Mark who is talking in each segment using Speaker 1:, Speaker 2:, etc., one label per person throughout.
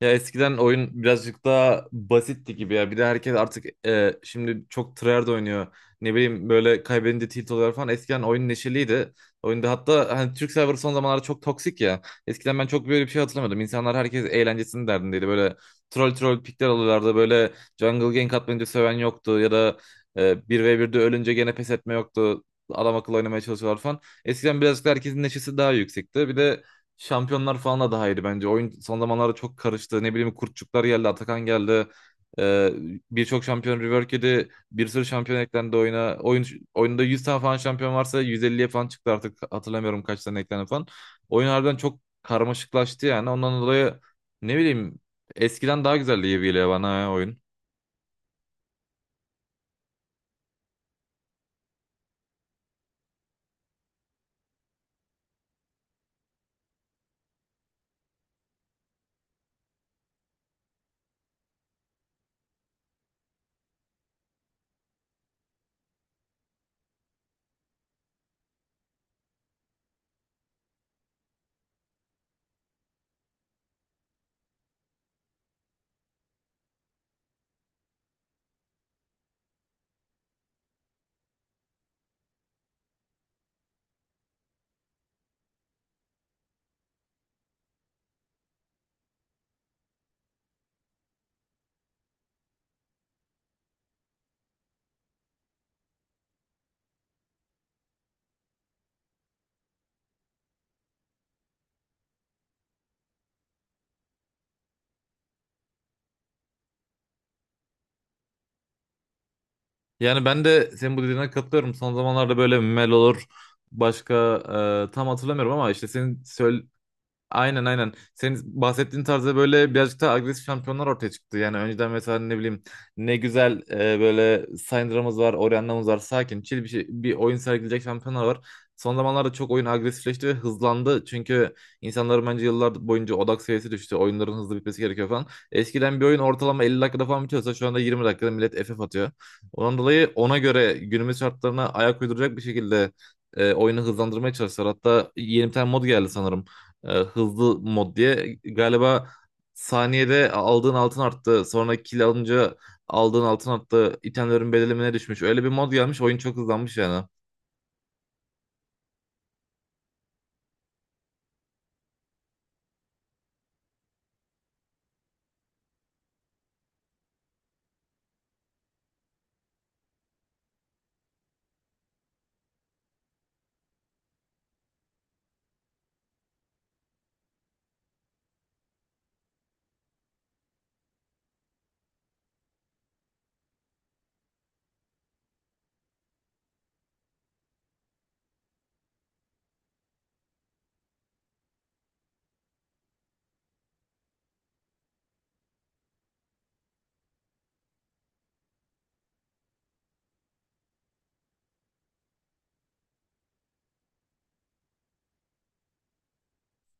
Speaker 1: Ya eskiden oyun birazcık daha basitti gibi ya. Bir de herkes artık şimdi çok tryhard oynuyor. Ne bileyim böyle kaybedince tilt oluyor falan. Eskiden oyun neşeliydi. Oyunda hatta hani Türk server son zamanlarda çok toksik ya. Eskiden ben çok böyle bir şey hatırlamıyordum. İnsanlar herkes eğlencesinin derdindeydi. Böyle troll troll pikler alıyorlardı. Böyle jungle gank atmayınca söven yoktu. Ya da 1v1'de ölünce gene pes etme yoktu. Adam akıllı oynamaya çalışıyorlar falan. Eskiden birazcık da herkesin neşesi daha yüksekti. Bir de şampiyonlar falan da daha iyiydi bence. Oyun son zamanlarda çok karıştı. Ne bileyim Kurtçuklar geldi, Atakan geldi. Ee, birçok şampiyon rework yedi. Bir sürü şampiyon eklendi oyuna. Oyunda 100 tane falan şampiyon varsa 150'ye falan çıktı artık. Hatırlamıyorum kaç tane eklendi falan. Oyun harbiden çok karmaşıklaştı yani. Ondan dolayı ne bileyim, eskiden daha güzeldi gibi geliyor bana ya oyun. Yani ben de senin bu dediğine katılıyorum. Son zamanlarda böyle Mel olur. Başka tam hatırlamıyorum ama işte aynen aynen. Senin bahsettiğin tarzda böyle birazcık daha agresif şampiyonlar ortaya çıktı. Yani önceden mesela ne bileyim ne güzel böyle Syndra'mız var, Orianna'mız var. Sakin, chill bir şey, bir oyun sergileyecek şampiyonlar var. Son zamanlarda çok oyun agresifleşti ve hızlandı. Çünkü insanların bence yıllar boyunca odak seviyesi düştü. Oyunların hızlı bitmesi gerekiyor falan. Eskiden bir oyun ortalama 50 dakikada falan bitiyorsa şu anda 20 dakikada millet FF atıyor. Ondan dolayı ona göre günümüz şartlarına ayak uyduracak bir şekilde oyunu hızlandırmaya çalıştılar. Hatta yeni bir tane mod geldi sanırım, hızlı mod diye. Galiba saniyede aldığın altın arttı. Sonra kill alınca aldığın altın arttı. İtemlerin bedelimine düşmüş. Öyle bir mod gelmiş. Oyun çok hızlanmış yani.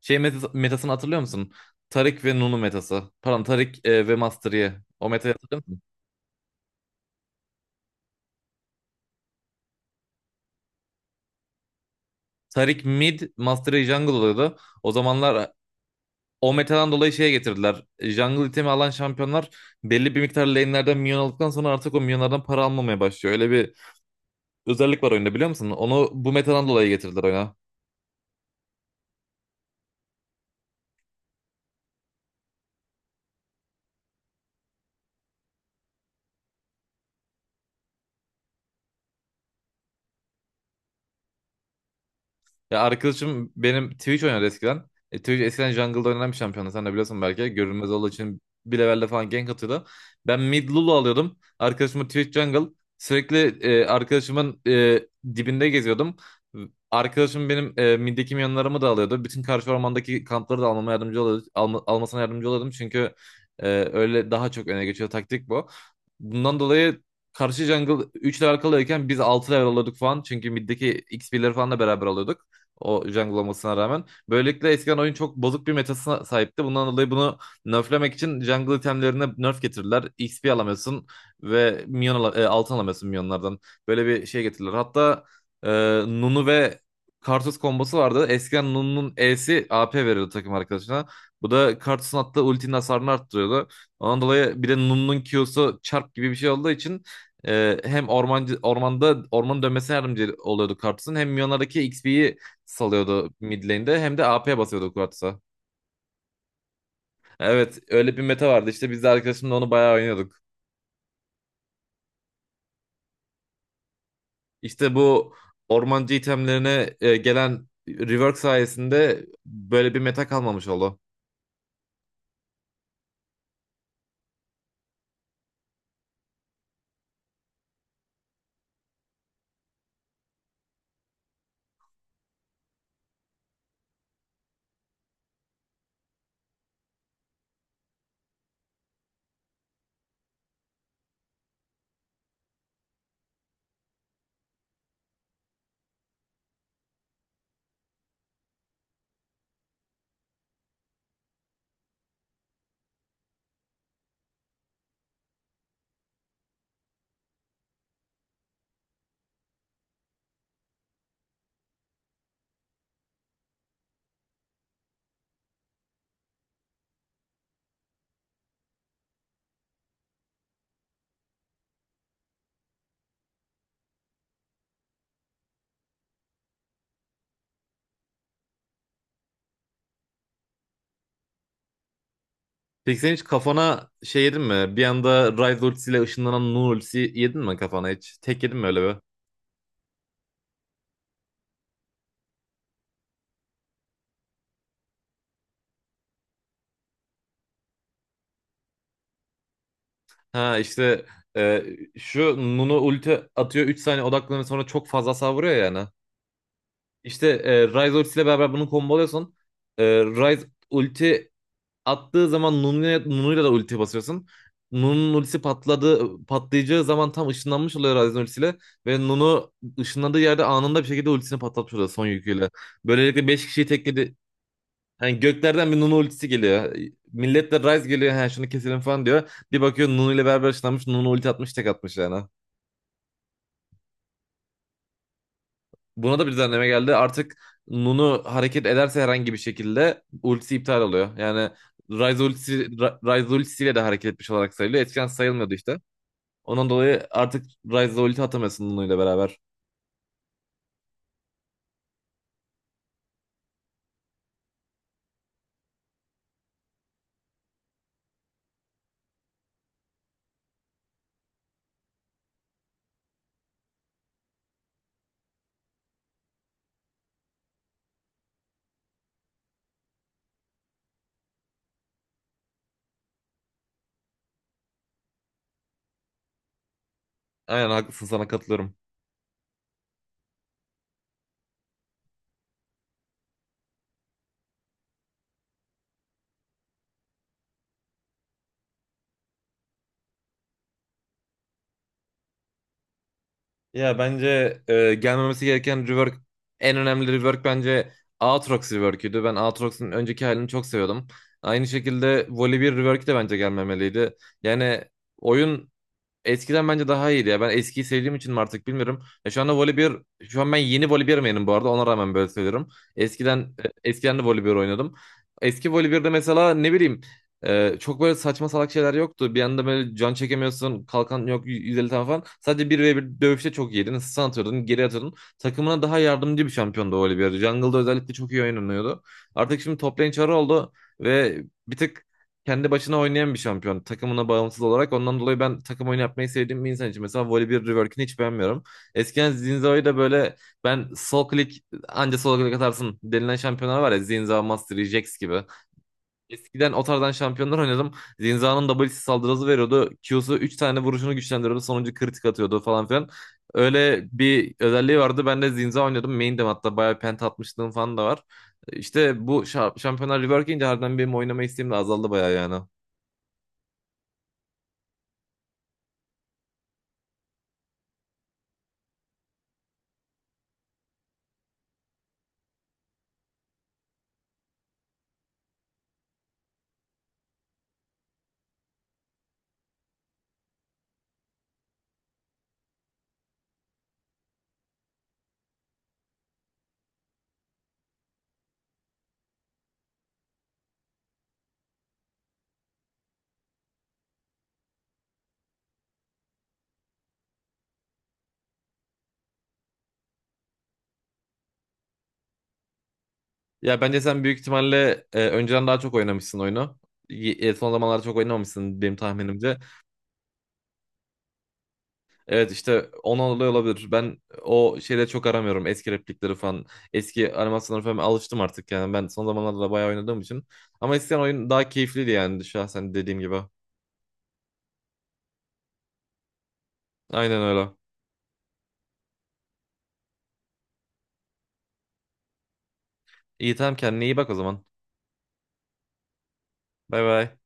Speaker 1: Şey metasını hatırlıyor musun? Tarik ve Nunu metası. Pardon Tarik ve Master Yi. O metayı hatırlıyor musun? Tarik mid, Master Yi jungle oluyordu. O zamanlar o metadan dolayı şeye getirdiler. Jungle itemi alan şampiyonlar belli bir miktar lane'lerden minyon aldıktan sonra artık o minyonlardan para almamaya başlıyor. Öyle bir özellik var oyunda biliyor musun? Onu bu metadan dolayı getirdiler oyuna. Ya arkadaşım benim Twitch oynadı eskiden. E, Twitch eskiden jungle'da oynanan bir şampiyonu. Sen de biliyorsun belki. Görünmez olduğu için bir levelde falan gank atıyordu. Ben mid Lulu alıyordum. Arkadaşımı Twitch jungle. Sürekli arkadaşımın dibinde geziyordum. Arkadaşım benim middeki minyonlarımı da alıyordu. Bütün karşı ormandaki kampları da almama yardımcı oluyordu. Almasına yardımcı oluyordum. Çünkü e, öyle daha çok öne geçiyor taktik bu. Bundan dolayı karşı jungle 3 level kalıyorken biz 6 level alıyorduk falan. Çünkü middeki XP'leri falan da beraber alıyorduk. O jungle olmasına rağmen. Böylelikle eskiden oyun çok bozuk bir metasına sahipti. Bundan dolayı bunu nerflemek için jungle itemlerine nerf getirdiler. XP alamıyorsun ve altın alamıyorsun minyonlardan. Böyle bir şey getirdiler. Hatta e, Nunu ve Karthus kombosu vardı. Eskiden Nunu'nun E'si AP veriyordu takım arkadaşına. Bu da Karthus'un attığı ultinin hasarını arttırıyordu. Ondan dolayı bir de Nunu'nun Q'su çarp gibi bir şey olduğu için ormanda ormanın dönmesine yardımcı oluyordu Karthus'un, hem minyonlardaki XP'yi salıyordu mid lane'de hem de AP basıyordu Quattro. Evet öyle bir meta vardı işte, biz de arkadaşımla onu bayağı oynuyorduk. İşte bu ormancı itemlerine gelen rework sayesinde böyle bir meta kalmamış oldu. Peki sen hiç kafana şey yedin mi? Bir anda Ryze ultisiyle ışınlanan Nun ultisi yedin mi kafana hiç? Tek yedin mi öyle bir? Ha işte, e, şu Nunu ulti atıyor 3 saniye odaklanıyor sonra çok fazla savuruyor yani. İşte Ryze ultisiyle beraber bunu komboluyorsun. Ryze ulti attığı zaman Nunu'ya, Nunu'yla da ulti basıyorsun. Patlayacağı zaman tam ışınlanmış oluyor Ryzen ultisiyle. Ve Nunu ışınlandığı yerde anında bir şekilde ultisini patlatmış oluyor son yüküyle. Böylelikle 5 kişiyi tekledi. Yani göklerden bir Nunu ultisi geliyor. Millet de Ryze geliyor ha şunu keselim falan diyor. Bir bakıyor Nunu ile beraber ışınlanmış, Nunu ulti atmış tek atmış yani. Buna da bir düzenleme geldi. Artık Nunu hareket ederse herhangi bir şekilde ultisi iptal oluyor. Yani Ryze ultisiyle de hareket etmiş olarak sayılıyor. Eskiden sayılmıyordu işte. Ondan dolayı artık Ryze'da ulti atamıyorsun Nunu'yla beraber. Aynen haklısın, sana katılıyorum. Ya bence gelmemesi gereken rework, en önemli rework bence Aatrox rework'üydü. Ben Aatrox'un önceki halini çok seviyordum. Aynı şekilde Volibear rework de bence gelmemeliydi. Yani oyun eskiden bence daha iyiydi ya. Ben eskiyi sevdiğim için mi artık bilmiyorum. Ya şu anda voleybol, şu an ben yeni voleybolmenim bu arada. Ona rağmen böyle söylüyorum. Eskiden eskiden de voleybol oynadım. Eski voleybolde mesela ne bileyim, çok böyle saçma salak şeyler yoktu. Bir anda böyle can çekemiyorsun. Kalkan yok 150 tane falan. Sadece bir ve bir dövüşte çok iyiydin. Sen atıyordun, geri atıyordun. Takımına daha yardımcı bir şampiyondu voleybol. Jungle'da özellikle çok iyi oynanıyordu. Artık şimdi top lane çarı oldu ve bir tık kendi başına oynayan bir şampiyon. Takımına bağımsız olarak. Ondan dolayı ben takım oyunu yapmayı sevdiğim bir insan için mesela Volibear Rework'ini hiç beğenmiyorum. Eskiden Zinza'yı da böyle, ben sol klik anca sol klik atarsın denilen şampiyonlar var ya, Zinza, Mastery, Jax gibi. Eskiden o tarzdan şampiyonlar oynadım. Zinza'nın W'si saldırısı veriyordu. Q'su 3 tane vuruşunu güçlendiriyordu. Sonuncu kritik atıyordu falan filan. Öyle bir özelliği vardı. Ben de Zinza oynuyordum. Main'dim, hatta bayağı penta atmışlığım falan da var. İşte bu şampiyonlar rework ince harbiden benim oynama isteğim de azaldı bayağı yani. Ya bence sen büyük ihtimalle önceden daha çok oynamışsın oyunu. Son zamanlarda çok oynamamışsın benim tahminimce. Evet işte ona oluyor olabilir. Ben o şeyleri çok aramıyorum. Eski replikleri falan. Eski animasyonları falan alıştım artık yani. Ben son zamanlarda da bayağı oynadığım için. Ama eskiden oyun daha keyifliydi yani şahsen dediğim gibi. Aynen öyle. İyi tamam, kendine iyi bak o zaman. Bay bay.